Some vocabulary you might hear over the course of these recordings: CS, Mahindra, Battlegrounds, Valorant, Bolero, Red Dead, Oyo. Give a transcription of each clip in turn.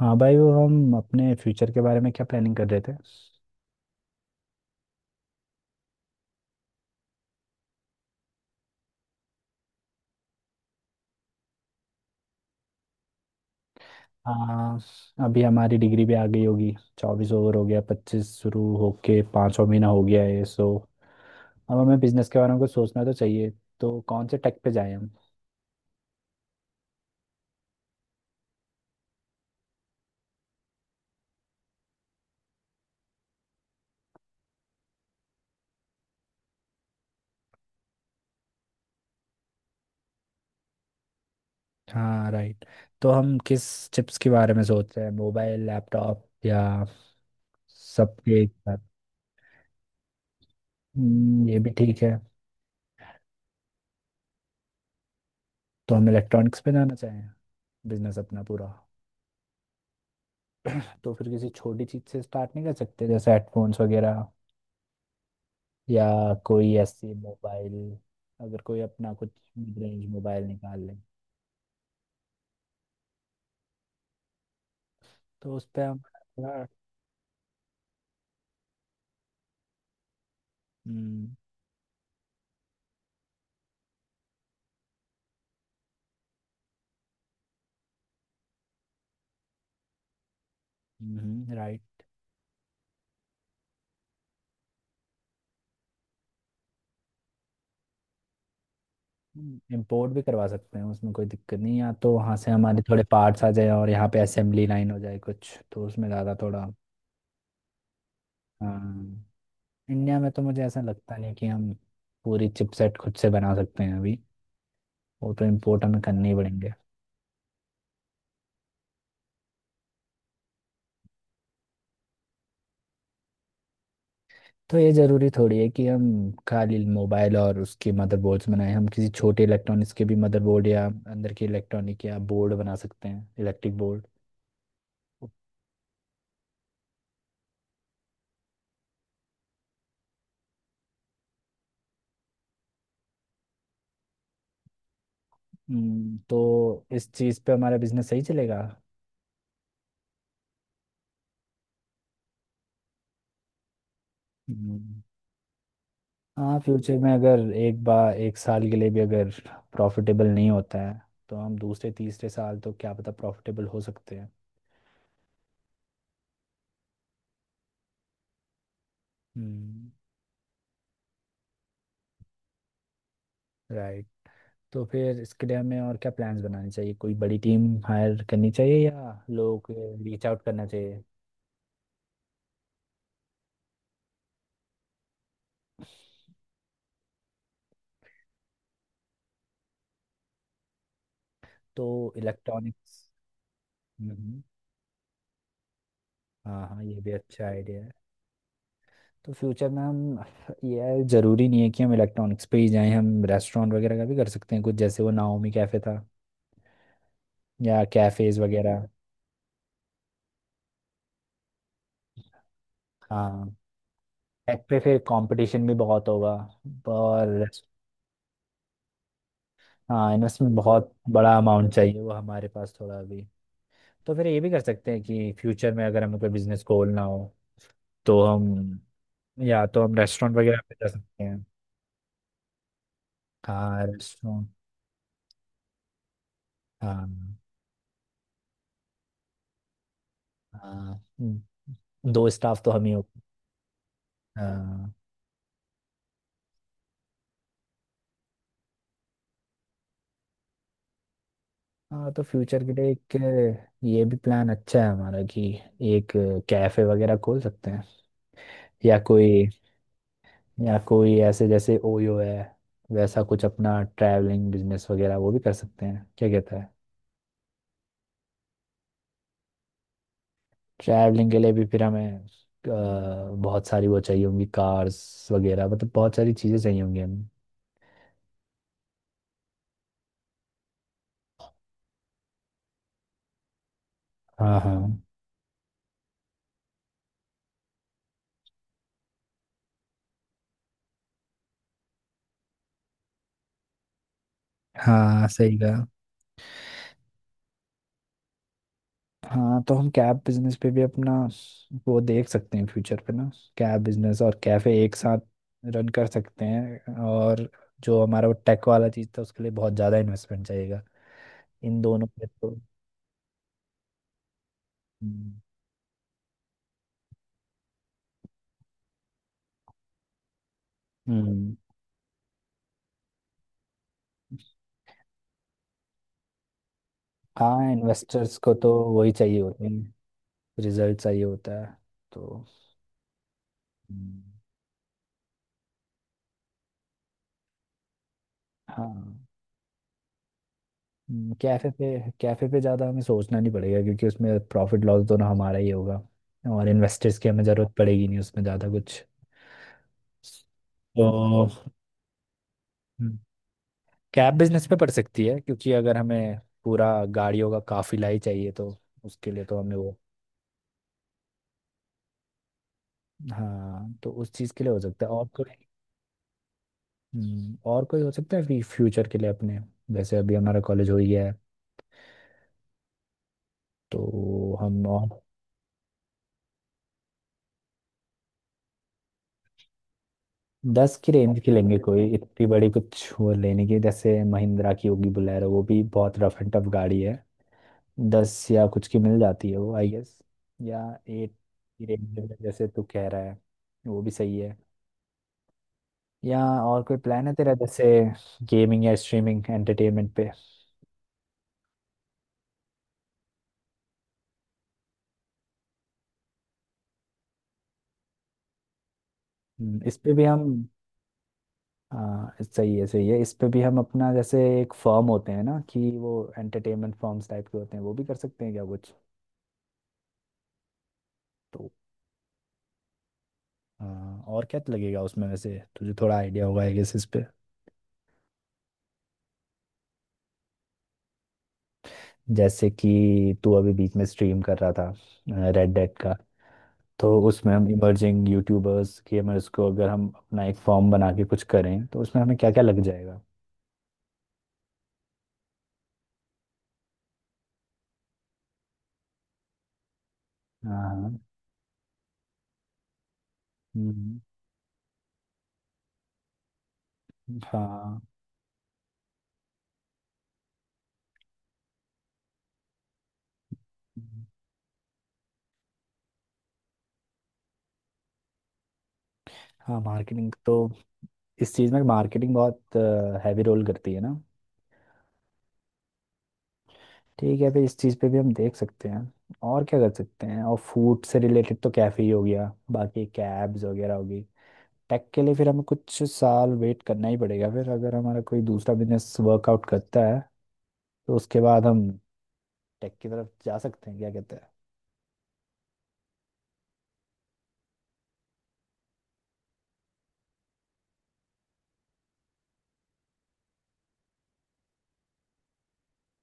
हाँ भाई, वो हम अपने फ्यूचर के बारे में क्या प्लानिंग कर रहे थे। हाँ, अभी हमारी डिग्री भी आ गई होगी। 24 ओवर हो गया, 25 शुरू होके 5वां महीना हो गया है। सो अब हमें बिजनेस के बारे में कुछ सोचना तो चाहिए। तो कौन से टेक पे जाएं हम? हाँ, राइट। तो हम किस चिप्स के बारे में सोच रहे हैं, मोबाइल, लैपटॉप या सबके एक साथ? ये भी ठीक है। तो हम इलेक्ट्रॉनिक्स पे जाना चाहें बिजनेस अपना पूरा। तो फिर किसी छोटी चीज से स्टार्ट नहीं कर सकते जैसे हेडफोन्स वगैरह, या कोई ऐसे मोबाइल अगर कोई अपना कुछ मिड रेंज मोबाइल निकाल ले तो उस पर हम थोड़ा। राइट। इम्पोर्ट भी करवा सकते हैं, उसमें कोई दिक्कत नहीं है। या तो वहाँ से हमारे थोड़े पार्ट्स आ जाए और यहाँ पे असेंबली लाइन हो जाए कुछ, तो उसमें ज़्यादा थोड़ा। हाँ, इंडिया में तो मुझे ऐसा लगता नहीं कि हम पूरी चिपसेट खुद से बना सकते हैं अभी। वो तो इम्पोर्ट हमें करने ही पड़ेंगे। तो ये ज़रूरी थोड़ी है कि हम खाली मोबाइल और उसके मदरबोर्ड्स बनाएं, हम किसी छोटे इलेक्ट्रॉनिक्स के भी मदरबोर्ड या अंदर के इलेक्ट्रॉनिक या बोर्ड बना सकते हैं, इलेक्ट्रिक बोर्ड। तो इस चीज़ पे हमारा बिजनेस सही चलेगा। हम्म। हाँ, फ्यूचर में अगर एक बार एक साल के लिए भी अगर प्रॉफिटेबल नहीं होता है तो हम दूसरे तीसरे साल तो क्या पता प्रॉफिटेबल हो सकते हैं। हम्म। राइट। तो फिर इसके लिए हमें और क्या प्लान्स बनाने चाहिए? कोई बड़ी टीम हायर करनी चाहिए, या लोग रीच आउट करना चाहिए? तो इलेक्ट्रॉनिक्स। हम्म। हाँ हाँ, ये भी अच्छा आइडिया है। तो फ्यूचर में हम, ये ज़रूरी नहीं है कि हम इलेक्ट्रॉनिक्स पे ही जाएं, हम रेस्टोरेंट वगैरह का भी कर सकते हैं कुछ, जैसे वो नाओमी कैफ़े था, या कैफ़ेज़ वगैरह। हाँ, टेक पे फिर कंपटीशन भी बहुत होगा। और हाँ, इन्वेस्टमेंट बहुत बड़ा अमाउंट चाहिए, वो हमारे पास थोड़ा अभी। तो फिर ये भी कर सकते हैं कि फ्यूचर में अगर हमें कोई बिजनेस खोलना हो तो हम, या तो हम रेस्टोरेंट वगैरह पे जा सकते हैं। हाँ, रेस्टोरेंट। हाँ। हाँ। हम्म, दो स्टाफ तो हम ही हो। हाँ। हाँ, तो फ्यूचर के लिए एक, ये भी प्लान अच्छा है हमारा कि एक कैफे वगैरह खोल सकते हैं, या कोई, या कोई ऐसे जैसे ओयो है वैसा कुछ अपना ट्रैवलिंग बिजनेस वगैरह वो भी कर सकते हैं, क्या कहता है? ट्रैवलिंग के लिए भी फिर हमें बहुत सारी वो चाहिए होंगी, कार्स वगैरह, मतलब बहुत सारी चीज़ें चाहिए होंगी हमें। हाँ। हाँ। हाँ, सही कहा। हाँ, तो हम कैब बिजनेस पे भी अपना वो देख सकते हैं, फ्यूचर पे ना। कैब बिजनेस और कैफे एक साथ रन कर सकते हैं, और जो हमारा वो टेक वाला चीज़ था उसके लिए बहुत ज़्यादा इन्वेस्टमेंट चाहिएगा, इन दोनों पे तो। हम्म, हम्म। हाँ, इन्वेस्टर्स को तो वही चाहिए होते हैं, रिजल्ट चाहिए होता है। तो हम्म। हाँ। कैफे पे, कैफे पे ज़्यादा हमें सोचना नहीं पड़ेगा क्योंकि उसमें प्रॉफिट लॉस दोनों हमारा ही होगा, और इन्वेस्टर्स की हमें ज़रूरत पड़ेगी नहीं, उसमें ज़्यादा कुछ। तो हम्म, कैब बिजनेस पे पड़ सकती है क्योंकि अगर हमें पूरा गाड़ियों का काफिला ही चाहिए तो उसके लिए तो हमें वो। हाँ, तो उस चीज़ के लिए हो सकता है। और कोई हो सकता है फ्यूचर के लिए अपने, जैसे अभी हमारा कॉलेज हो ही गया है तो हम, और 10 की रेंज की लेंगे, कोई इतनी बड़ी कुछ वो लेने की जैसे महिंद्रा की होगी बुलेरो, वो भी बहुत रफ एंड टफ गाड़ी है। 10 या कुछ की मिल जाती है वो, आई गेस। या 8 की रेंज में, जैसे तू कह रहा है, वो भी सही है। या और कोई प्लान है तेरा, जैसे गेमिंग या स्ट्रीमिंग एंटरटेनमेंट पे? इस पे भी हम। हाँ सही है, सही है, इस पे भी हम अपना जैसे एक फर्म होते हैं ना कि वो एंटरटेनमेंट फर्म्स टाइप के होते हैं, वो भी कर सकते हैं क्या कुछ। तो हाँ, और क्या तो लगेगा उसमें वैसे? तुझे थोड़ा आइडिया होगा आई गेस इस पे। जैसे कि तू अभी बीच में स्ट्रीम कर रहा था रेड डेड का, तो उसमें हम इमर्जिंग यूट्यूबर्स गेमर्स को अगर हम अपना एक फॉर्म बना के कुछ करें तो उसमें हमें क्या क्या लग जाएगा? हाँ। हम्म। हाँ। हम्म। हाँ, मार्केटिंग तो, इस चीज़ में मार्केटिंग बहुत हैवी रोल करती है ना। ठीक है, फिर इस चीज़ पे भी हम देख सकते हैं। और क्या कर सकते हैं? और फूड से रिलेटेड तो कैफ़े ही हो गया, बाकी कैब्स वगैरह होगी। टेक के लिए फिर हमें कुछ साल वेट करना ही पड़ेगा, फिर अगर हमारा कोई दूसरा बिजनेस वर्कआउट करता है तो उसके बाद हम टेक की तरफ जा सकते हैं, क्या कहते हैं?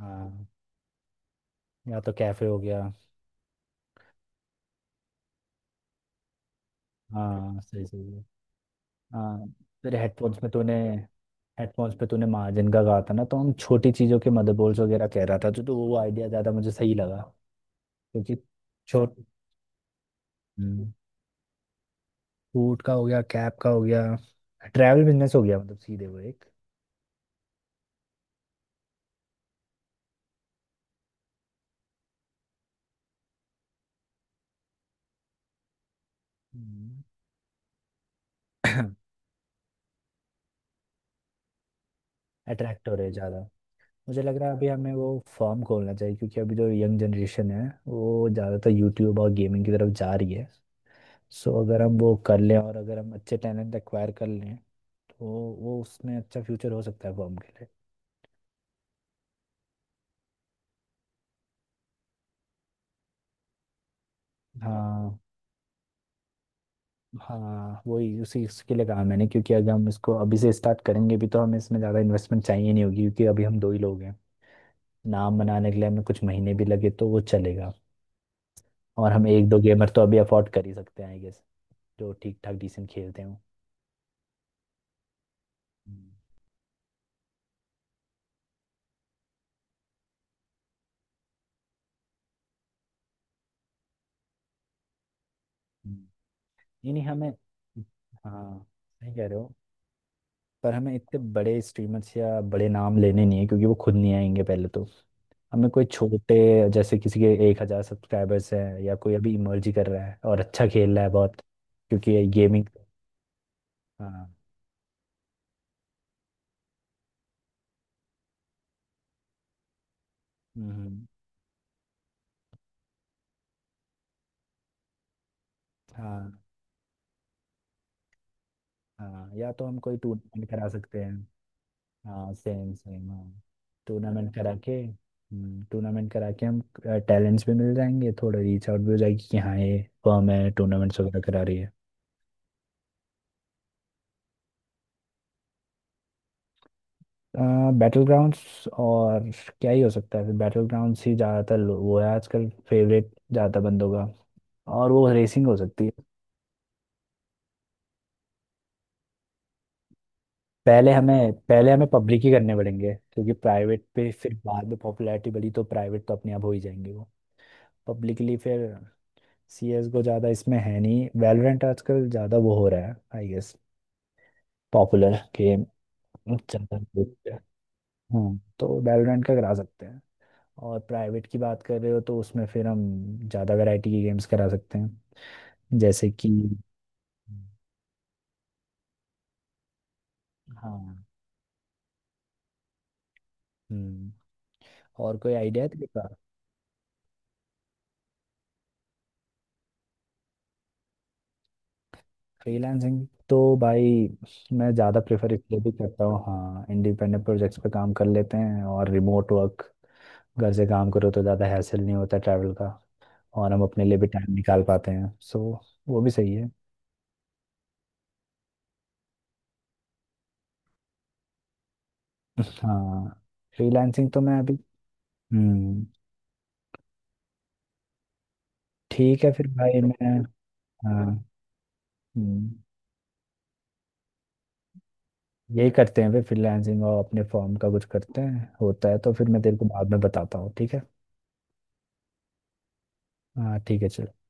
हाँ, या तो कैफे हो गया। हाँ सही, सही है। हाँ, फिर हेडफोन्स में तूने, हेडफोन्स पे तूने मार्जिन का कहा था ना, तो हम छोटी चीज़ों के मदरबोर्ड्स वगैरह कह रहा था जो, तो वो आइडिया ज़्यादा मुझे सही लगा, क्योंकि। छोट। फूड का हो गया, कैब का हो गया, ट्रैवल बिजनेस हो गया, मतलब सीधे वो एक। अट्रैक्ट हो रहे ज़्यादा मुझे लग रहा है अभी हमें वो फॉर्म खोलना चाहिए क्योंकि अभी जो यंग जनरेशन है वो ज़्यादातर यूट्यूब और गेमिंग की तरफ जा रही है, सो अगर हम वो कर लें और अगर हम अच्छे टैलेंट एक्वायर कर लें तो, वो उसमें अच्छा फ्यूचर हो सकता है फॉर्म के लिए। हाँ। हाँ, वही उसी उसके लिए कहा मैंने क्योंकि अगर हम इसको अभी से स्टार्ट करेंगे भी तो हमें इसमें ज़्यादा इन्वेस्टमेंट चाहिए नहीं होगी क्योंकि अभी हम दो ही लोग हैं। नाम बनाने के लिए हमें कुछ महीने भी लगे तो वो चलेगा। और हम एक दो गेमर तो अभी अफोर्ड कर ही सकते हैं आई गेस, जो ठीक ठाक डिसेंट खेलते हो। हम्म। हम्म। नहीं नहीं, हमें, हाँ सही कह रहे हो, पर हमें इतने बड़े स्ट्रीमर्स या बड़े नाम लेने नहीं है क्योंकि वो खुद नहीं आएंगे पहले तो। हमें कोई छोटे, जैसे किसी के 1,000 सब्सक्राइबर्स हैं या कोई अभी इमर्ज ही कर रहा है और अच्छा खेल रहा है बहुत, क्योंकि गेमिंग। हाँ। हम्म, हाँ। हाँ, या तो हम कोई टूर्नामेंट करा सकते हैं। हाँ सेम सेम, हाँ, टूर्नामेंट करा के टूर्नामेंट करा के हम टैलेंट्स भी मिल जाएंगे, थोड़ा रीच आउट भी हो जाएगी कि हाँ, ये फर्म है टूर्नामेंट्स वगैरह करा रही है। बैटल ग्राउंड्स और, क्या ही हो सकता है फिर? बैटल ग्राउंड्स ही ज़्यादातर वो है आजकल, फेवरेट ज़्यादा बंदों का। और वो रेसिंग हो सकती है। पहले हमें पब्लिक ही करने पड़ेंगे क्योंकि प्राइवेट पे फिर बाद में पॉपुलैरिटी बढ़ी तो प्राइवेट तो अपने आप हो ही जाएंगे वो। पब्लिकली फिर सी एस को ज़्यादा इसमें है नहीं, वैलोरेंट आजकल ज़्यादा वो हो रहा है आई गेस, पॉपुलर गेम। चलता है। हम्म, तो वैलोरेंट का करा सकते हैं। और प्राइवेट की बात कर रहे हो तो उसमें फिर हम ज़्यादा वैरायटी के गेम्स करा सकते हैं, जैसे कि। हाँ। हम्म। और कोई आइडिया है तेरे पास? फ्रीलांसिंग तो भाई मैं ज़्यादा प्रेफर इसलिए भी करता हूँ, हाँ, इंडिपेंडेंट प्रोजेक्ट्स पे काम कर लेते हैं और रिमोट वर्क, घर से काम करो तो ज़्यादा हैसल नहीं होता ट्रैवल का, और हम अपने लिए भी टाइम निकाल पाते हैं सो वो भी सही है। हाँ फ्रीलांसिंग तो मैं अभी। हम्म। ठीक है फिर भाई मैं। हाँ। हम्म, यही करते हैं फिर, फ्रीलांसिंग और अपने फॉर्म का कुछ करते हैं, होता है तो फिर मैं तेरे को बाद में बताता हूँ, ठीक है। हाँ ठीक है, चल।